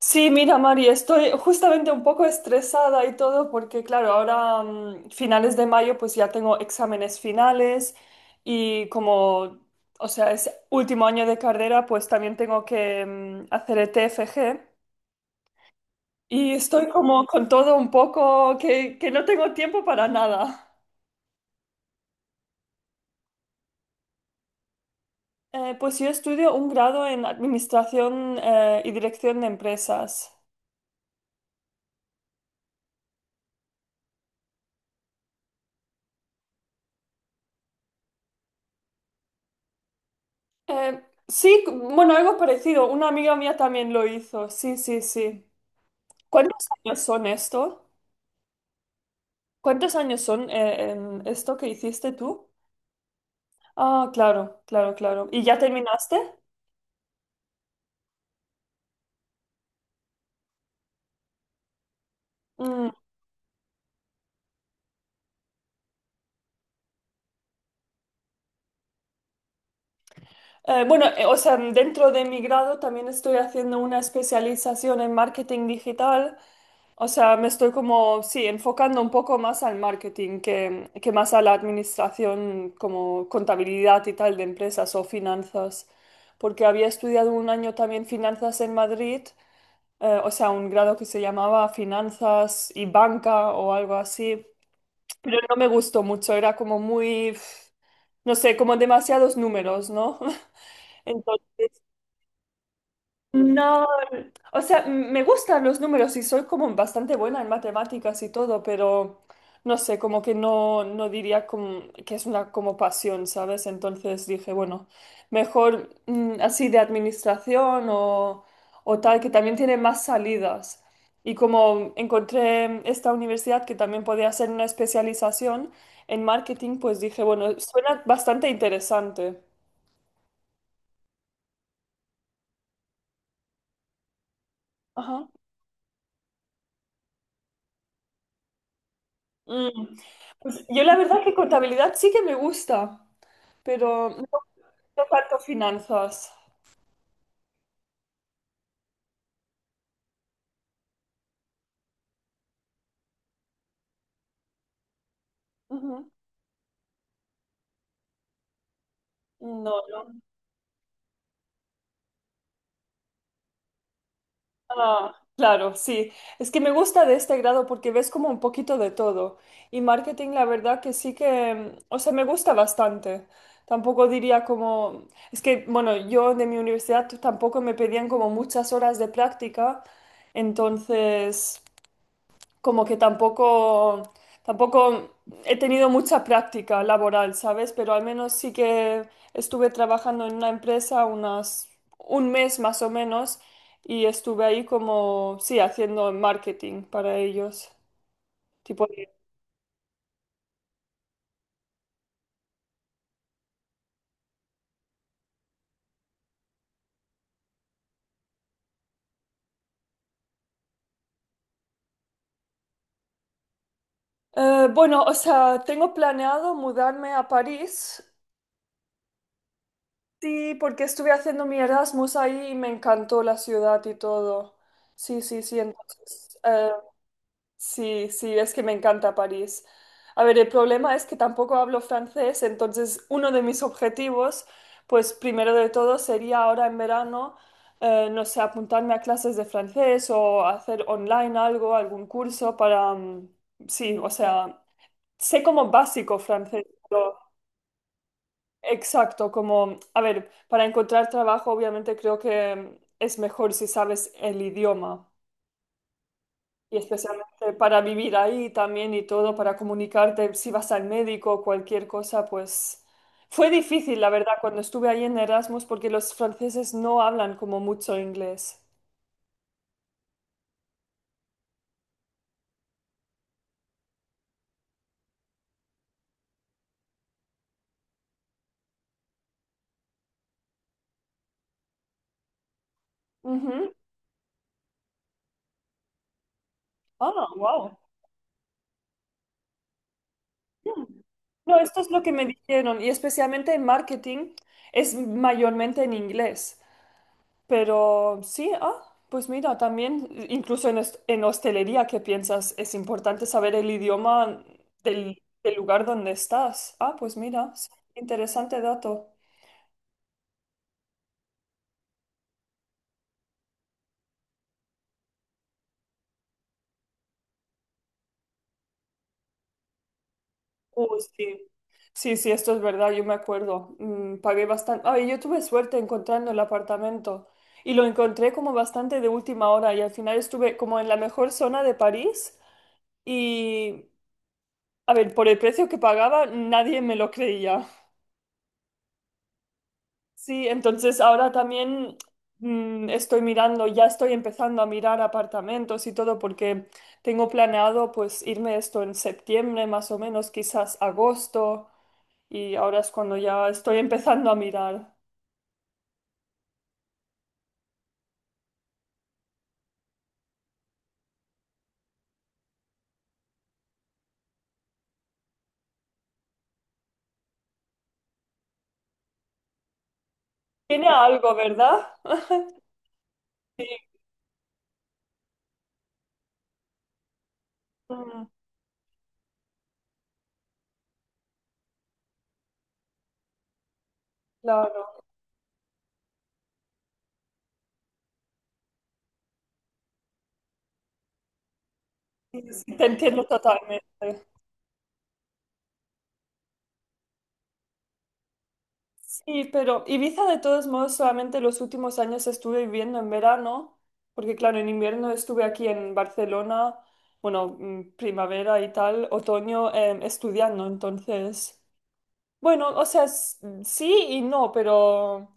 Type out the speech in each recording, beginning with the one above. Sí, mira, Mari, estoy justamente un poco estresada y todo porque, claro, ahora finales de mayo pues ya tengo exámenes finales y como, o sea, es último año de carrera, pues también tengo que hacer el TFG y estoy como con todo un poco que no tengo tiempo para nada. Pues yo estudio un grado en Administración y Dirección de Empresas. Sí, bueno, algo parecido. Una amiga mía también lo hizo. Sí, sí, sí. ¿Cuántos años son esto? ¿Cuántos años son esto que hiciste tú? Ah, claro, claro, claro. ¿Y ya terminaste? Mm, bueno, o sea, dentro de mi grado también estoy haciendo una especialización en marketing digital. O sea, me estoy como, sí, enfocando un poco más al marketing que más a la administración como contabilidad y tal de empresas o finanzas, porque había estudiado un año también finanzas en Madrid, o sea, un grado que se llamaba finanzas y banca o algo así, pero no me gustó mucho, era como muy, pf, no sé, como demasiados números, ¿no? Entonces, no, o sea, me gustan los números y soy como bastante buena en matemáticas y todo, pero no sé, como que no, no diría que es una como pasión, ¿sabes? Entonces dije, bueno, mejor así de administración o tal, que también tiene más salidas. Y como encontré esta universidad que también podía hacer una especialización en marketing, pues dije, bueno, suena bastante interesante. Ajá. Mm. Pues yo la verdad que contabilidad sí que me gusta, pero no, no tanto finanzas. Ujú. No, no. Ah, claro, sí. Es que me gusta de este grado porque ves como un poquito de todo. Y marketing, la verdad que sí que, o sea, me gusta bastante. Tampoco diría como, es que, bueno, yo de mi universidad tampoco me pedían como muchas horas de práctica. Entonces, como que tampoco, tampoco he tenido mucha práctica laboral, ¿sabes? Pero al menos sí que estuve trabajando en una empresa unas, un mes más o menos y estuve ahí como, sí, haciendo marketing para ellos. Tipo de- bueno, o sea, tengo planeado mudarme a París, sí, porque estuve haciendo mi Erasmus ahí y me encantó la ciudad y todo. Sí, sí, sí, entonces, sí, sí, es que me encanta París. A ver, el problema es que tampoco hablo francés, entonces uno de mis objetivos, pues primero de todo sería ahora en verano, no sé, apuntarme a clases de francés o hacer online algo, algún curso para, sí, o sea, sé como básico francés, pero exacto, como, a ver, para encontrar trabajo obviamente creo que es mejor si sabes el idioma. Y especialmente para vivir ahí también y todo, para comunicarte si vas al médico, cualquier cosa, pues fue difícil, la verdad, cuando estuve ahí en Erasmus, porque los franceses no hablan como mucho inglés. Ujú. Ah, wow. No, esto es lo que me dijeron, y especialmente en marketing es mayormente en inglés. Pero sí, ah, pues mira, también, incluso en, en hostelería, ¿qué piensas? Es importante saber el idioma del lugar donde estás. Ah, pues mira, sí, interesante dato. Oh, sí. Sí, sí, esto es verdad, yo me acuerdo. Pagué bastante. Ay, yo tuve suerte encontrando el apartamento y lo encontré como bastante de última hora y al final estuve como en la mejor zona de París y, a ver, por el precio que pagaba, nadie me lo creía. Sí, entonces ahora también estoy mirando, ya estoy empezando a mirar apartamentos y todo porque tengo planeado pues irme esto en septiembre más o menos, quizás agosto y ahora es cuando ya estoy empezando a mirar. Tiene algo, ¿verdad? Sí, mm, claro, sí, sí, te entiendo totalmente. Sí, pero Ibiza de todos modos solamente los últimos años estuve viviendo en verano, porque claro, en invierno estuve aquí en Barcelona, bueno, primavera y tal, otoño, estudiando, entonces. Bueno, o sea, sí y no, pero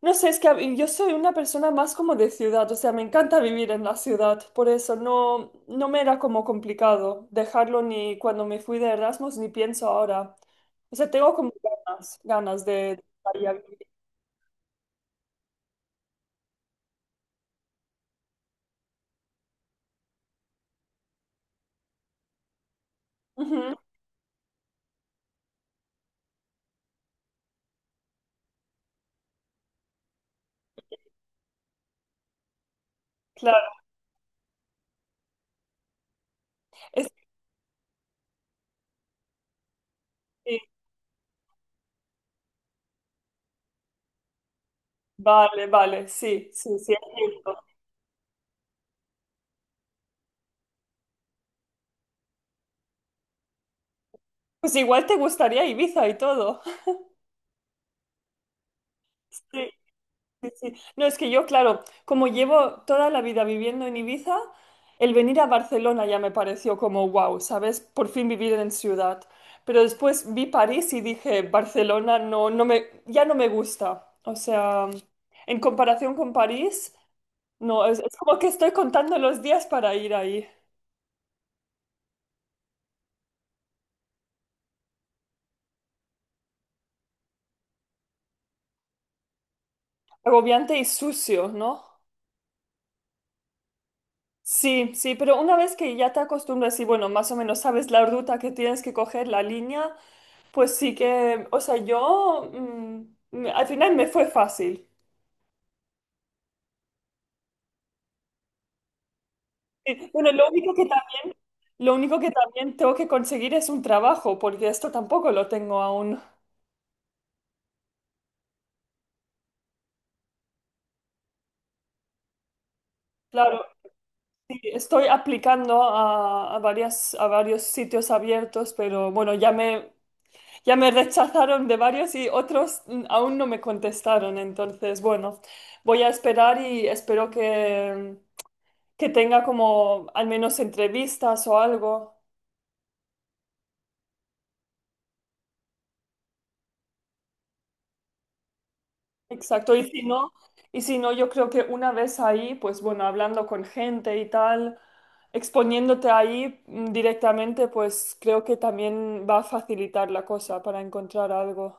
no sé, es que yo soy una persona más como de ciudad, o sea, me encanta vivir en la ciudad, por eso no, no me era como complicado dejarlo ni cuando me fui de Erasmus ni pienso ahora. O sea, tengo como ganas, ganas de ir a vivir. Ujú, claro, es sí, vale, vale, sí, sí, sí, es cierto. Pues igual te gustaría Ibiza y todo. Sí. Sí, sí. No, es que yo, claro, como llevo toda la vida viviendo en Ibiza, el venir a Barcelona ya me pareció como wow, ¿sabes? Por fin vivir en ciudad. Pero después vi París y dije, Barcelona no, no me, ya no me gusta. O sea, en comparación con París, no, es como que estoy contando los días para ir ahí. Agobiante y sucio, ¿no? Sí, sí, pero una vez que ya te acostumbras y bueno, más o menos sabes la ruta que tienes que coger, la línea, pues sí que, o sea, yo al final me fue fácil. Sí, bueno, lo único que también, lo único que también tengo que conseguir es un trabajo, porque esto tampoco lo tengo aún. Claro, sí, estoy aplicando a varias, a varios sitios abiertos, pero bueno, ya me rechazaron de varios y otros aún no me contestaron. Entonces, bueno, voy a esperar y espero que tenga como al menos entrevistas o algo. Exacto, y si no, yo creo que una vez ahí, pues bueno, hablando con gente y tal, exponiéndote ahí directamente, pues creo que también va a facilitar la cosa para encontrar algo.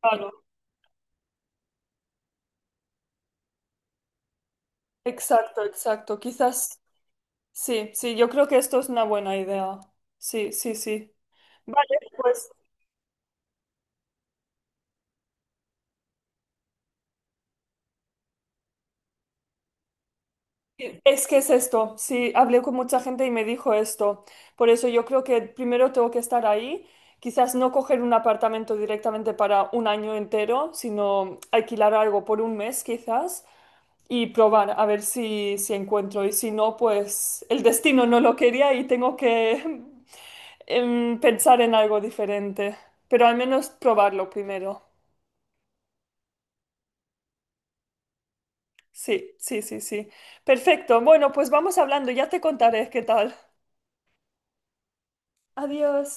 Claro, exacto, exacto. Quizás, sí, sí, yo creo que esto es una buena idea. Sí, sí, sí. Vale, pues es que es esto, sí, hablé con mucha gente y me dijo esto. Por eso yo creo que primero tengo que estar ahí, quizás no coger un apartamento directamente para un año entero, sino alquilar algo por un mes quizás y probar a ver si, si encuentro. Y si no, pues el destino no lo quería y tengo que pensar en algo diferente. Pero al menos probarlo primero. Sí, sí, sí, sí. Perfecto. Bueno, pues vamos hablando, ya te contaré qué tal. Adiós.